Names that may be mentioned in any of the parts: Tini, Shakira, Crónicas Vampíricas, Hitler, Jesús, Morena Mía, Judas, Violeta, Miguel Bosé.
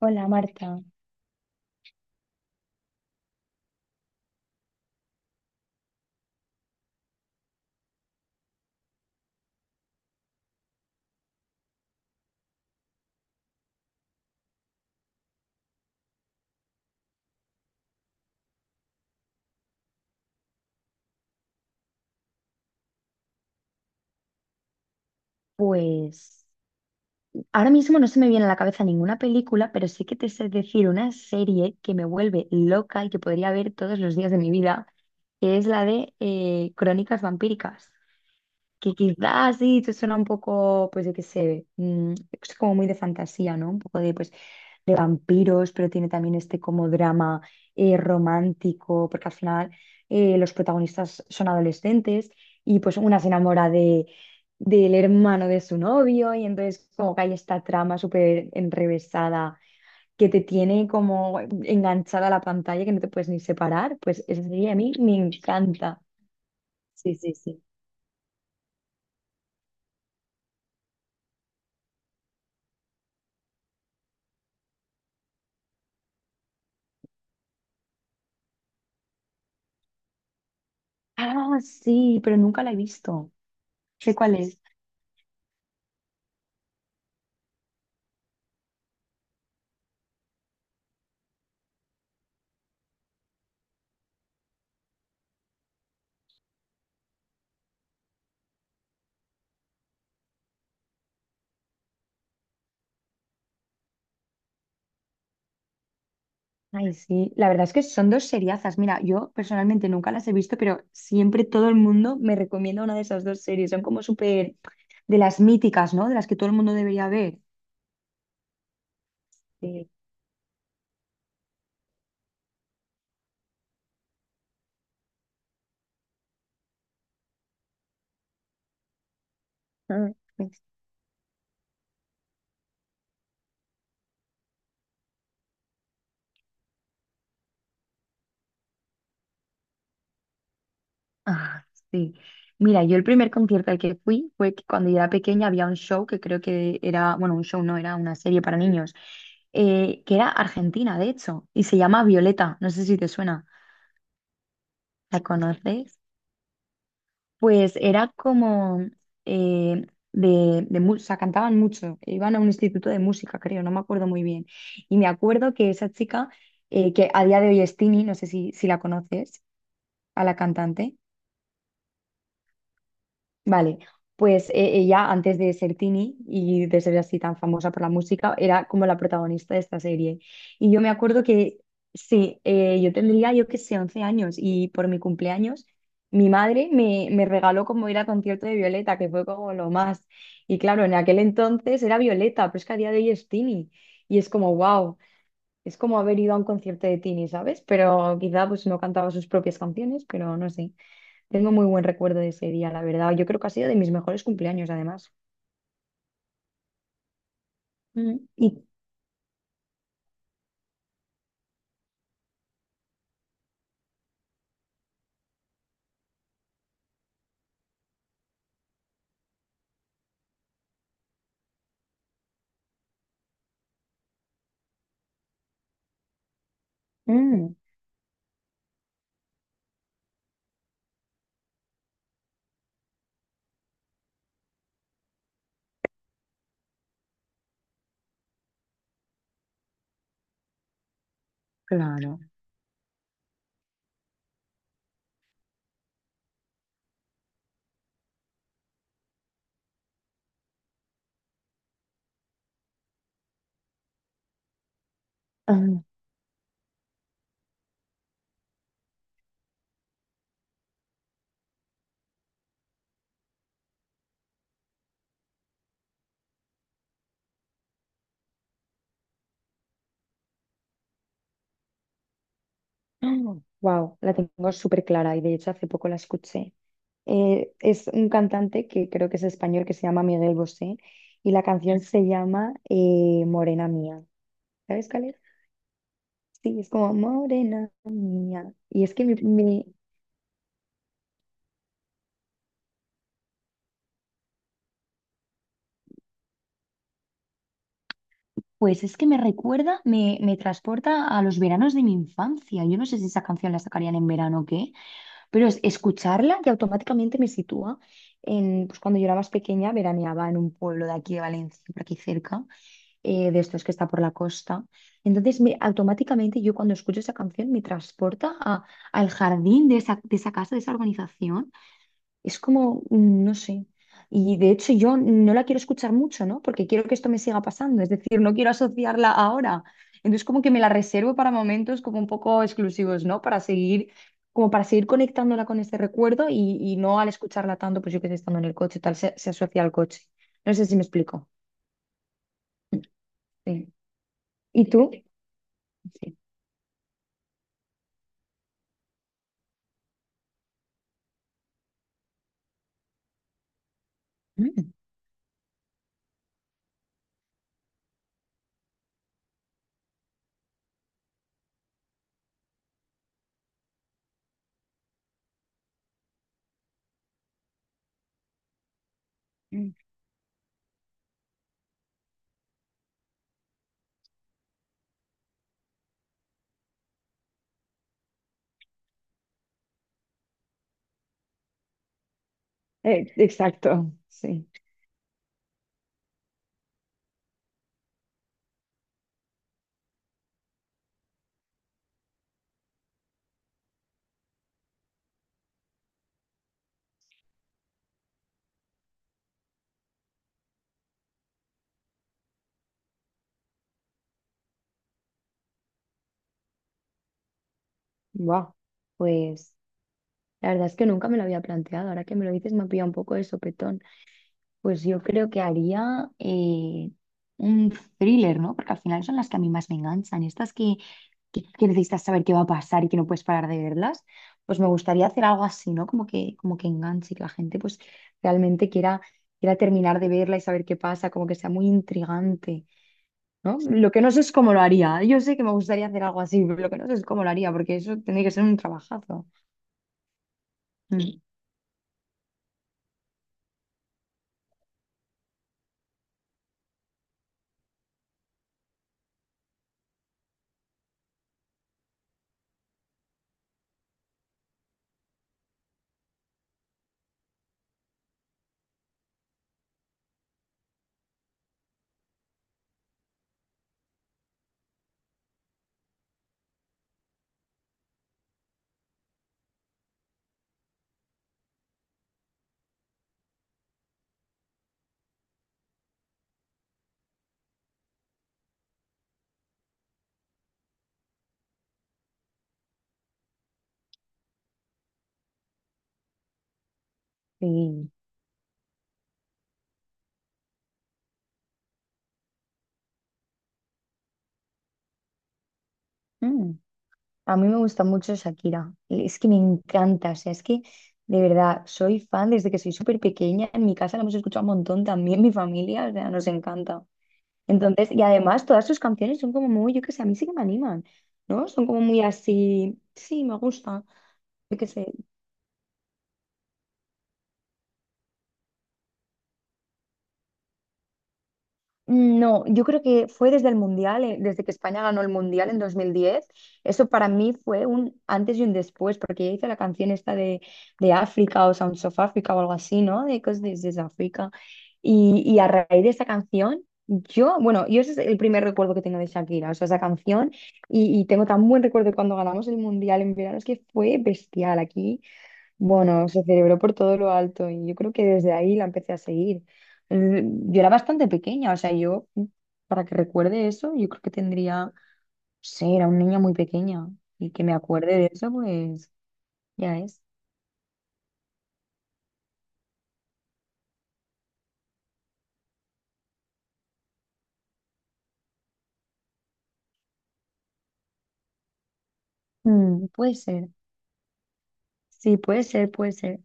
Hola Marta. Pues ahora mismo no se me viene a la cabeza ninguna película, pero sí que te sé decir una serie que me vuelve loca y que podría ver todos los días de mi vida, que es la de Crónicas Vampíricas, que quizás sí, te suena un poco, pues yo qué sé, es como muy de fantasía, ¿no? Un poco de, pues, de vampiros, pero tiene también este como drama romántico, porque al final los protagonistas son adolescentes y pues una se enamora del hermano de su novio y entonces como que hay esta trama súper enrevesada que te tiene como enganchada a la pantalla que no te puedes ni separar, pues esa serie a mí me encanta. Sí, sí, sí. Ah, sí, pero nunca la he visto. Sé cuál es. Ay, sí. La verdad es que son dos seriazas. Mira, yo personalmente nunca las he visto, pero siempre todo el mundo me recomienda una de esas dos series. Son como súper de las míticas, ¿no? De las que todo el mundo debería ver. Sí. Ah, pues, ah, sí. Mira, yo el primer concierto al que fui fue que cuando yo era pequeña había un show que creo que era, bueno, un show no, era una serie para niños, que era argentina, de hecho, y se llama Violeta. No sé si te suena. ¿La conoces? Pues era como eh, o sea, cantaban mucho, iban a un instituto de música, creo, no me acuerdo muy bien. Y me acuerdo que esa chica, que a día de hoy es Tini, no sé si la conoces, a la cantante. Vale, pues ella antes de ser Tini y de ser así tan famosa por la música, era como la protagonista de esta serie. Y yo me acuerdo que, sí, yo tendría, yo que sé, 11 años y por mi cumpleaños, mi madre me, me regaló como ir a concierto de Violeta, que fue como lo más. Y claro, en aquel entonces era Violeta, pero es que a día de hoy es Tini. Y es como, wow, es como haber ido a un concierto de Tini, ¿sabes? Pero quizá pues no cantaba sus propias canciones, pero no sé. Tengo muy buen recuerdo de ese día, la verdad. Yo creo que ha sido de mis mejores cumpleaños, además. Mm. Y mm, claro. Wow, la tengo súper clara y de hecho hace poco la escuché. Es un cantante que creo que es español que se llama Miguel Bosé y la canción se llama Morena Mía. ¿Sabes cuál es? Sí, es como Morena Mía. Y es que me- Pues es que me recuerda, me transporta a los veranos de mi infancia. Yo no sé si esa canción la sacarían en verano o qué, pero es escucharla y automáticamente me sitúa en, pues cuando yo era más pequeña, veraneaba en un pueblo de aquí de Valencia, por aquí cerca, de estos que está por la costa. Entonces, automáticamente yo cuando escucho esa canción me transporta al jardín de esa, casa, de esa organización. Es como, no sé. Y de hecho yo no la quiero escuchar mucho, ¿no? Porque quiero que esto me siga pasando. Es decir, no quiero asociarla ahora. Entonces como que me la reservo para momentos como un poco exclusivos, ¿no? Para seguir, como para seguir conectándola con este recuerdo y no al escucharla tanto, pues yo que sé, estando en el coche, tal, se asocia al coche. No sé si me explico. Sí. ¿Y tú? Sí. Mm. Exacto, sí. Wow. Pues la verdad es que nunca me lo había planteado. Ahora que me lo dices me ha pillado un poco de sopetón. Pues yo creo que haría un thriller, ¿no? Porque al final son las que a mí más me enganchan. Estas que necesitas saber qué va a pasar y que no puedes parar de verlas. Pues me gustaría hacer algo así, ¿no? Como que enganche, que la gente pues realmente quiera, quiera terminar de verla y saber qué pasa, como que sea muy intrigante, ¿no? Lo que no sé es cómo lo haría. Yo sé que me gustaría hacer algo así, pero lo que no sé es cómo lo haría, porque eso tendría que ser un trabajazo. Mm. Sí. Mm. A mí me gusta mucho Shakira, es que me encanta, o sea, es que de verdad soy fan desde que soy súper pequeña, en mi casa la hemos escuchado un montón también, mi familia, o sea, nos encanta. Entonces, y además todas sus canciones son como muy, yo qué sé, a mí sí que me animan, ¿no? Son como muy así, sí, me gusta, yo qué sé. No, yo creo que fue desde el Mundial, desde que España ganó el Mundial en 2010. Eso para mí fue un antes y un después, porque ya hice la canción esta de África o Sounds of Africa o algo así, ¿no? De Cause This is Africa. Y a raíz de esa canción, yo, bueno, yo ese es el primer recuerdo que tengo de Shakira, o sea, esa canción. Y tengo tan buen recuerdo de cuando ganamos el Mundial en verano, es que fue bestial aquí. Bueno, se celebró por todo lo alto y yo creo que desde ahí la empecé a seguir. Yo era bastante pequeña, o sea, para que recuerde eso, yo creo que tendría, no sé, era una niña muy pequeña y que me acuerde de eso, pues ya es. Mm, puede ser, sí, puede ser, puede ser.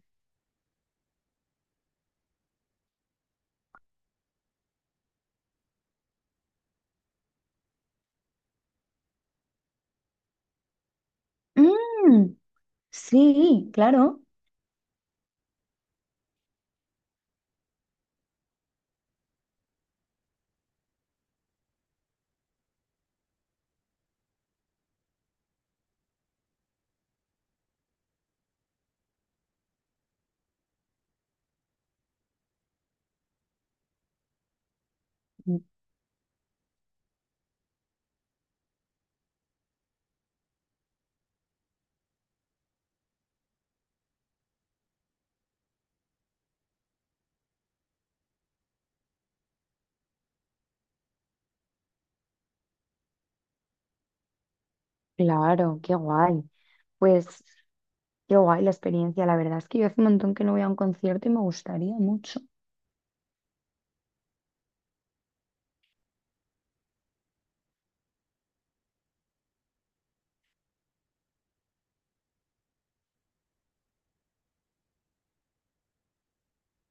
Mm, sí, claro. Mm, claro, qué guay. Pues qué guay la experiencia, la verdad es que yo hace un montón que no voy a un concierto y me gustaría mucho.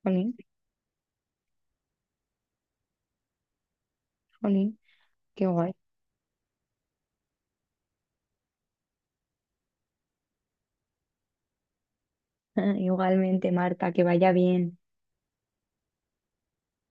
Jolín, jolín, qué guay. Igualmente, Marta, que vaya bien.